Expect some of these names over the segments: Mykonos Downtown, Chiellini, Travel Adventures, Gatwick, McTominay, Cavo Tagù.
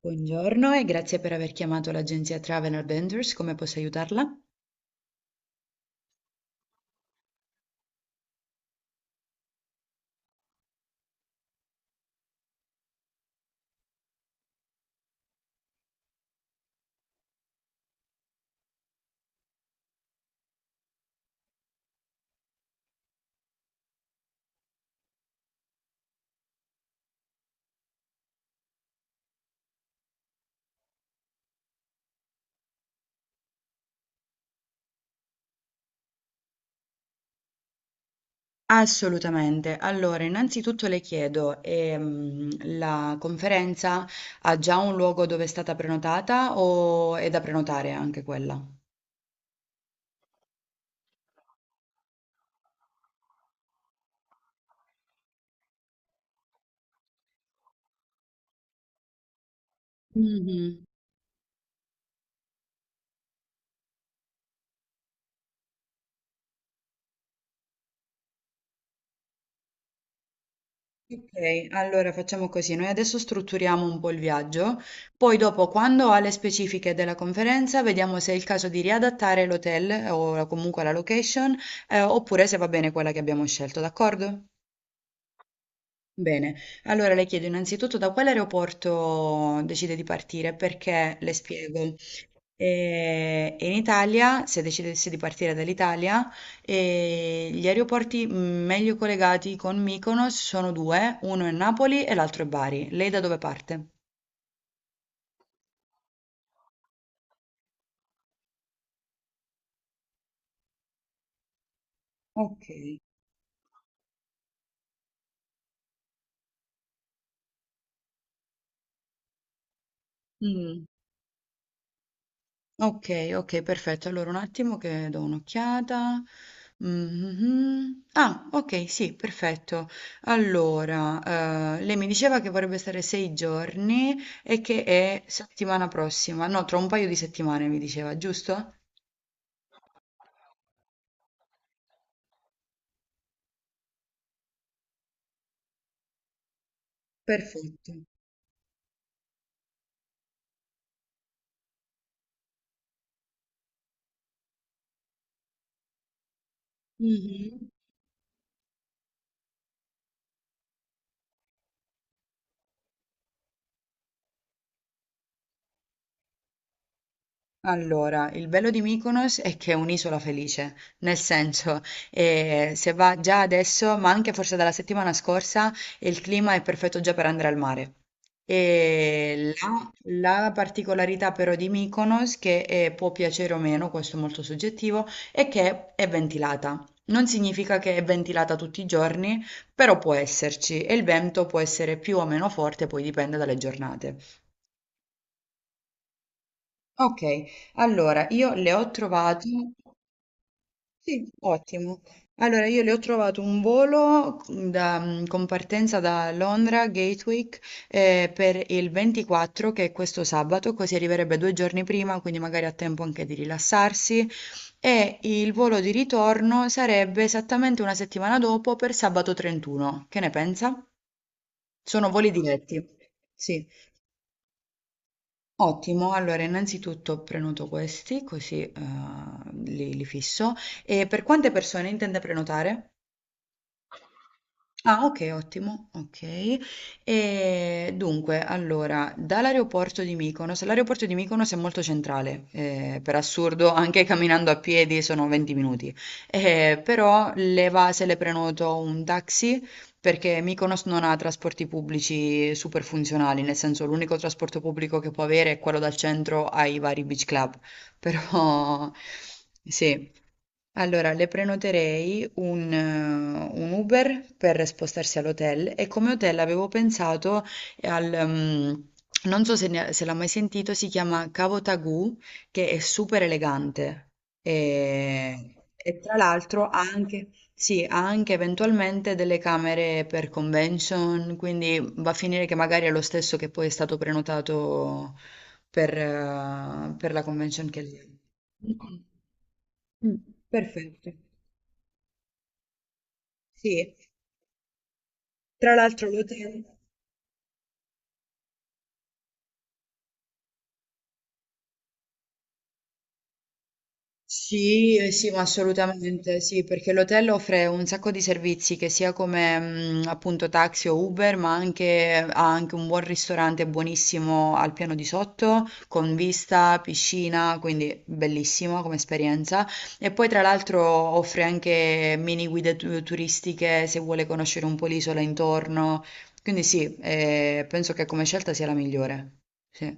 Buongiorno e grazie per aver chiamato l'agenzia Travel Adventures, come posso aiutarla? Assolutamente. Allora, innanzitutto le chiedo, la conferenza ha già un luogo dove è stata prenotata o è da prenotare anche quella? Mhm. Ok, allora facciamo così, noi adesso strutturiamo un po' il viaggio, poi dopo quando ha le specifiche della conferenza vediamo se è il caso di riadattare l'hotel o comunque la location, oppure se va bene quella che abbiamo scelto, d'accordo? Bene, allora le chiedo innanzitutto da quale aeroporto decide di partire, perché le spiego. In Italia, se decidessi di partire dall'Italia, gli aeroporti meglio collegati con Mykonos sono due, uno è Napoli e l'altro è Bari. Lei da dove parte? Ok. Mm. Okay, okay, perfetto. Allora un attimo che do un'occhiata. Mh-mh-mh. Ah, okay, sì, perfetto. Allora, lei mi diceva che vorrebbe stare 6 giorni e che è settimana prossima no, tra un paio di settimane mi diceva, giusto? Perfetto. Mh-mh. Allora, il bello di Mykonos è che è un'isola felice, nel senso, se va già adesso, ma anche forse dalla settimana scorsa, il clima è perfetto già per andare al mare. E la particolarità però di Mykonos, che può piacere o meno, questo è molto soggettivo, è che è ventilata. Non significa che è ventilata tutti i giorni, però può esserci e il vento può essere più o meno forte, poi dipende dalle giornate. Ok, allora io le ho trovate. Sì, ottimo. Allora, io le ho trovato un volo con partenza da Londra, Gatwick, per il 24, che è questo sabato, così arriverebbe due giorni prima, quindi magari ha tempo anche di rilassarsi. E il volo di ritorno sarebbe esattamente una settimana dopo per sabato 31. Che ne pensa? Sono voli diretti. Sì. Ottimo, allora innanzitutto prenoto questi, così li fisso. E per quante persone intende prenotare? Ah okay, ottimo, okay. Dunque allora, dall'aeroporto di Mykonos l'aeroporto di Mykonos è molto centrale, per assurdo anche camminando a piedi sono 20 minuti, però le va se le prenoto un taxi, perché Mykonos non ha trasporti pubblici super funzionali, nel senso l'unico trasporto pubblico che può avere è quello dal centro ai vari beach club, però sì. Allora, le prenoterei un Uber per spostarsi all'hotel e come hotel avevo pensato al non so se, se l'ha mai sentito, si chiama Cavo Tagù, che è super elegante e tra l'altro ha anche, sì, ha anche eventualmente delle camere per convention, quindi va a finire che magari è lo stesso che poi è stato prenotato per la convention che lì. Mm, mm, Perfetto. Sì, tra l'altro l'hotel sì, sì, ma assolutamente sì, perché l'hotel offre un sacco di servizi che sia come appunto taxi o Uber, ma anche, ha anche un buon ristorante buonissimo al piano di sotto, con vista, piscina, quindi bellissimo come esperienza. E poi tra l'altro offre anche mini guide turistiche se vuole conoscere un po' l'isola intorno. Quindi sì, penso che come scelta sia la migliore. Sì.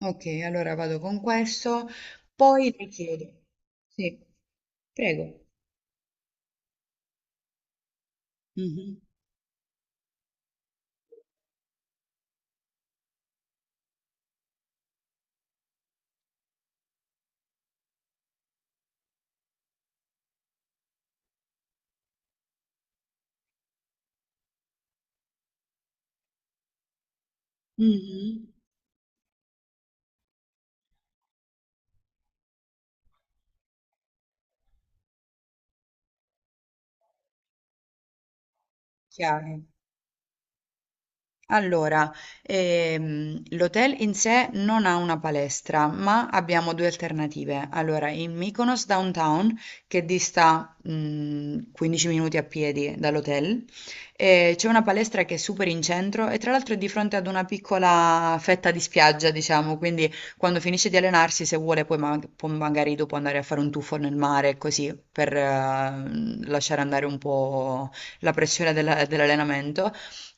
Okay, allora vado con questo, poi le chiedo sì, prego. Mh-mh. Mh-mh. Chiaro. Allora, l'hotel in sé non ha una palestra, ma abbiamo due alternative. Allora, in Mykonos Downtown, che dista 15 minuti a piedi dall'hotel, c'è una palestra che è super in centro e tra l'altro è di fronte ad una piccola fetta di spiaggia, diciamo, quindi quando finisce di allenarsi, se vuole, poi può magari dopo andare a fare un tuffo nel mare, così, per lasciare andare un po' la pressione dell'allenamento.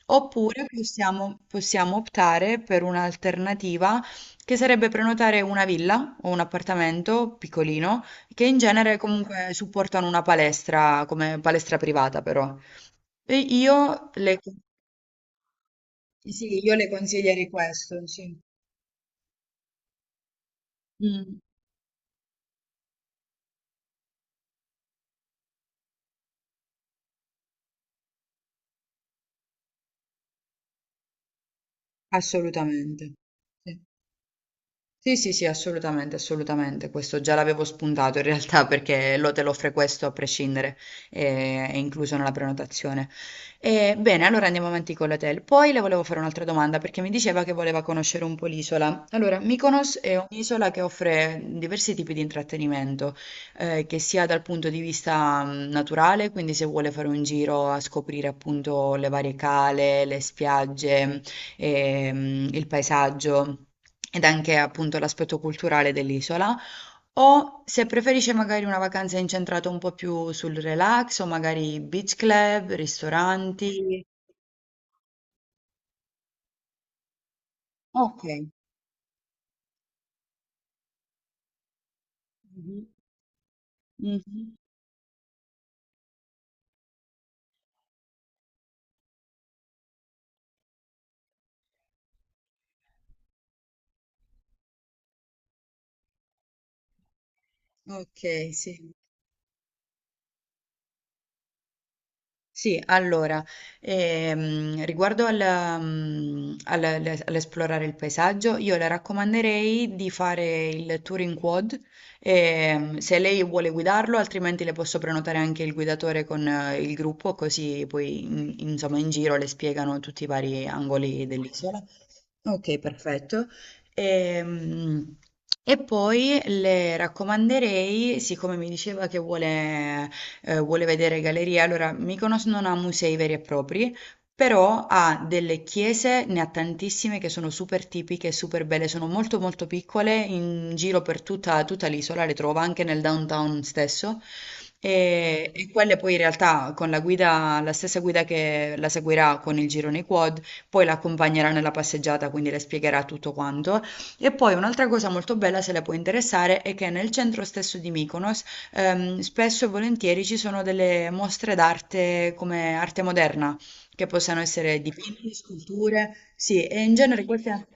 Oppure possiamo optare per un'alternativa che sarebbe prenotare una villa o un appartamento piccolino, che in genere comunque supportano una palestra come palestra privata però. E io le, sì, io le consiglierei questo, sì. Mm, assolutamente. Sì. Sì, sì, sì, assolutamente, assolutamente. Questo già l'avevo spuntato in realtà perché l'hotel offre questo a prescindere, è incluso nella prenotazione. E, bene, allora andiamo avanti con l'hotel. Poi le volevo fare un'altra domanda perché mi diceva che voleva conoscere un po' l'isola. Allora, Mykonos è un'isola che offre diversi tipi di intrattenimento, che sia dal punto di vista naturale, quindi se vuole fare un giro a scoprire appunto le varie cale, le spiagge, il paesaggio ed anche appunto l'aspetto culturale dell'isola, o se preferisce magari una vacanza incentrata un po' più sul relax o magari beach club, ristoranti. Ok. Mhm. Mhm. Ok, sì. Sì, allora, riguardo al, mm, al- al- all'esplorare il paesaggio, io le raccomanderei di fare il tour in quad, se lei vuole guidarlo, altrimenti le posso prenotare anche il guidatore con il gruppo, così poi insomma in giro le spiegano tutti i vari angoli dell'isola. Okay, perfetto. Ehm, e poi le raccomanderei, siccome mi diceva che vuole vuole vedere gallerie, allora Mykonos non ha musei veri e propri, però ha delle chiese, ne ha tantissime che sono super tipiche e super belle, sono molto molto piccole, in giro per tutta l'isola, le trova anche nel downtown stesso. E quelle poi in realtà con la guida la stessa guida che la seguirà con il girone quad poi la accompagnerà nella passeggiata, quindi le spiegherà tutto quanto. E poi un'altra cosa molto bella, se le può interessare, è che nel centro stesso di Mykonos spesso e volentieri ci sono delle mostre d'arte come arte moderna, che possono essere dipinti, sculture, sì, e in genere queste...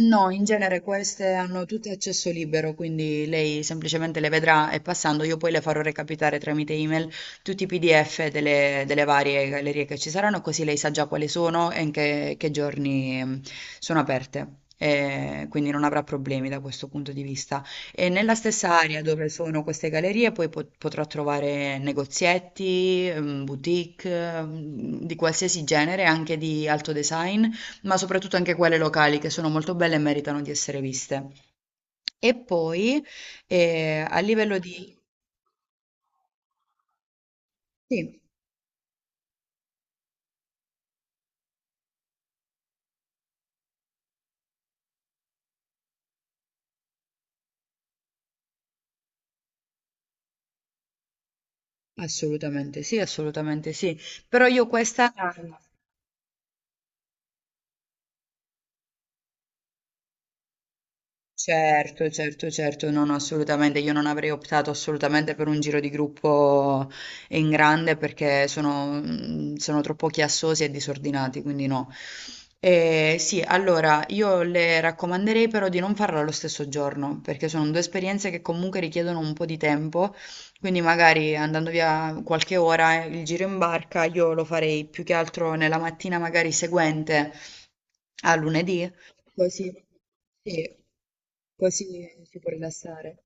No, in genere queste hanno tutte accesso libero, quindi lei semplicemente le vedrà e passando io poi le farò recapitare tramite email tutti i PDF delle varie gallerie che ci saranno, così lei sa già quali sono e in che giorni sono aperte. E quindi non avrà problemi da questo punto di vista. E nella stessa area dove sono queste gallerie, poi potrà trovare negozietti, boutique, di qualsiasi genere, anche di alto design ma soprattutto anche quelle locali che sono molto belle e meritano di essere viste. E poi a livello di... Sì, assolutamente sì, assolutamente sì, però io questa... Certo, certo, certo, no, no, assolutamente. Io non avrei optato assolutamente per un giro di gruppo in grande perché sono, sono troppo chiassosi e disordinati, quindi no. Sì, allora io le raccomanderei però di non farlo allo stesso giorno perché sono due esperienze che comunque richiedono un po' di tempo, quindi magari andando via qualche ora, il giro in barca io lo farei più che altro nella mattina magari seguente a lunedì. Così. Sì, poi si può rilassare.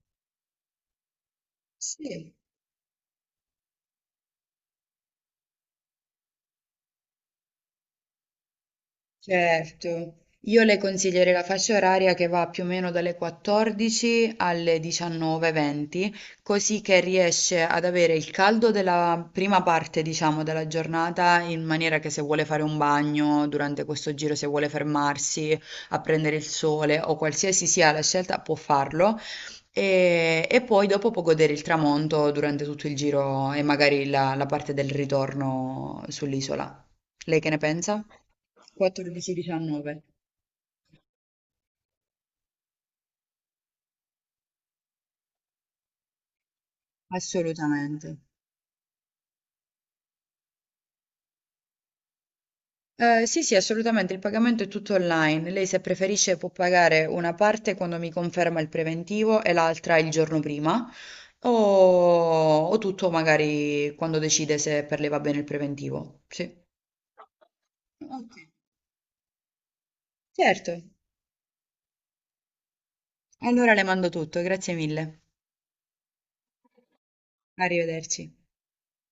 Sì, certo, io le consiglierei la fascia oraria che va più o meno dalle 14 alle 19:20, così che riesce ad avere il caldo della prima parte, diciamo, della giornata, in maniera che se vuole fare un bagno durante questo giro, se vuole fermarsi a prendere il sole o qualsiasi sia la scelta, può farlo. E poi dopo può godere il tramonto durante tutto il giro e magari la parte del ritorno sull'isola. Lei che ne pensa? 14,19. Assolutamente. Sì, sì, assolutamente, il pagamento è tutto online. Lei se preferisce può pagare una parte quando mi conferma il preventivo e l'altra il giorno prima, o, o tutto magari quando decide se per lei va bene il preventivo. Sì. Ok. Certo. Allora le mando tutto, grazie mille. Arrivederci.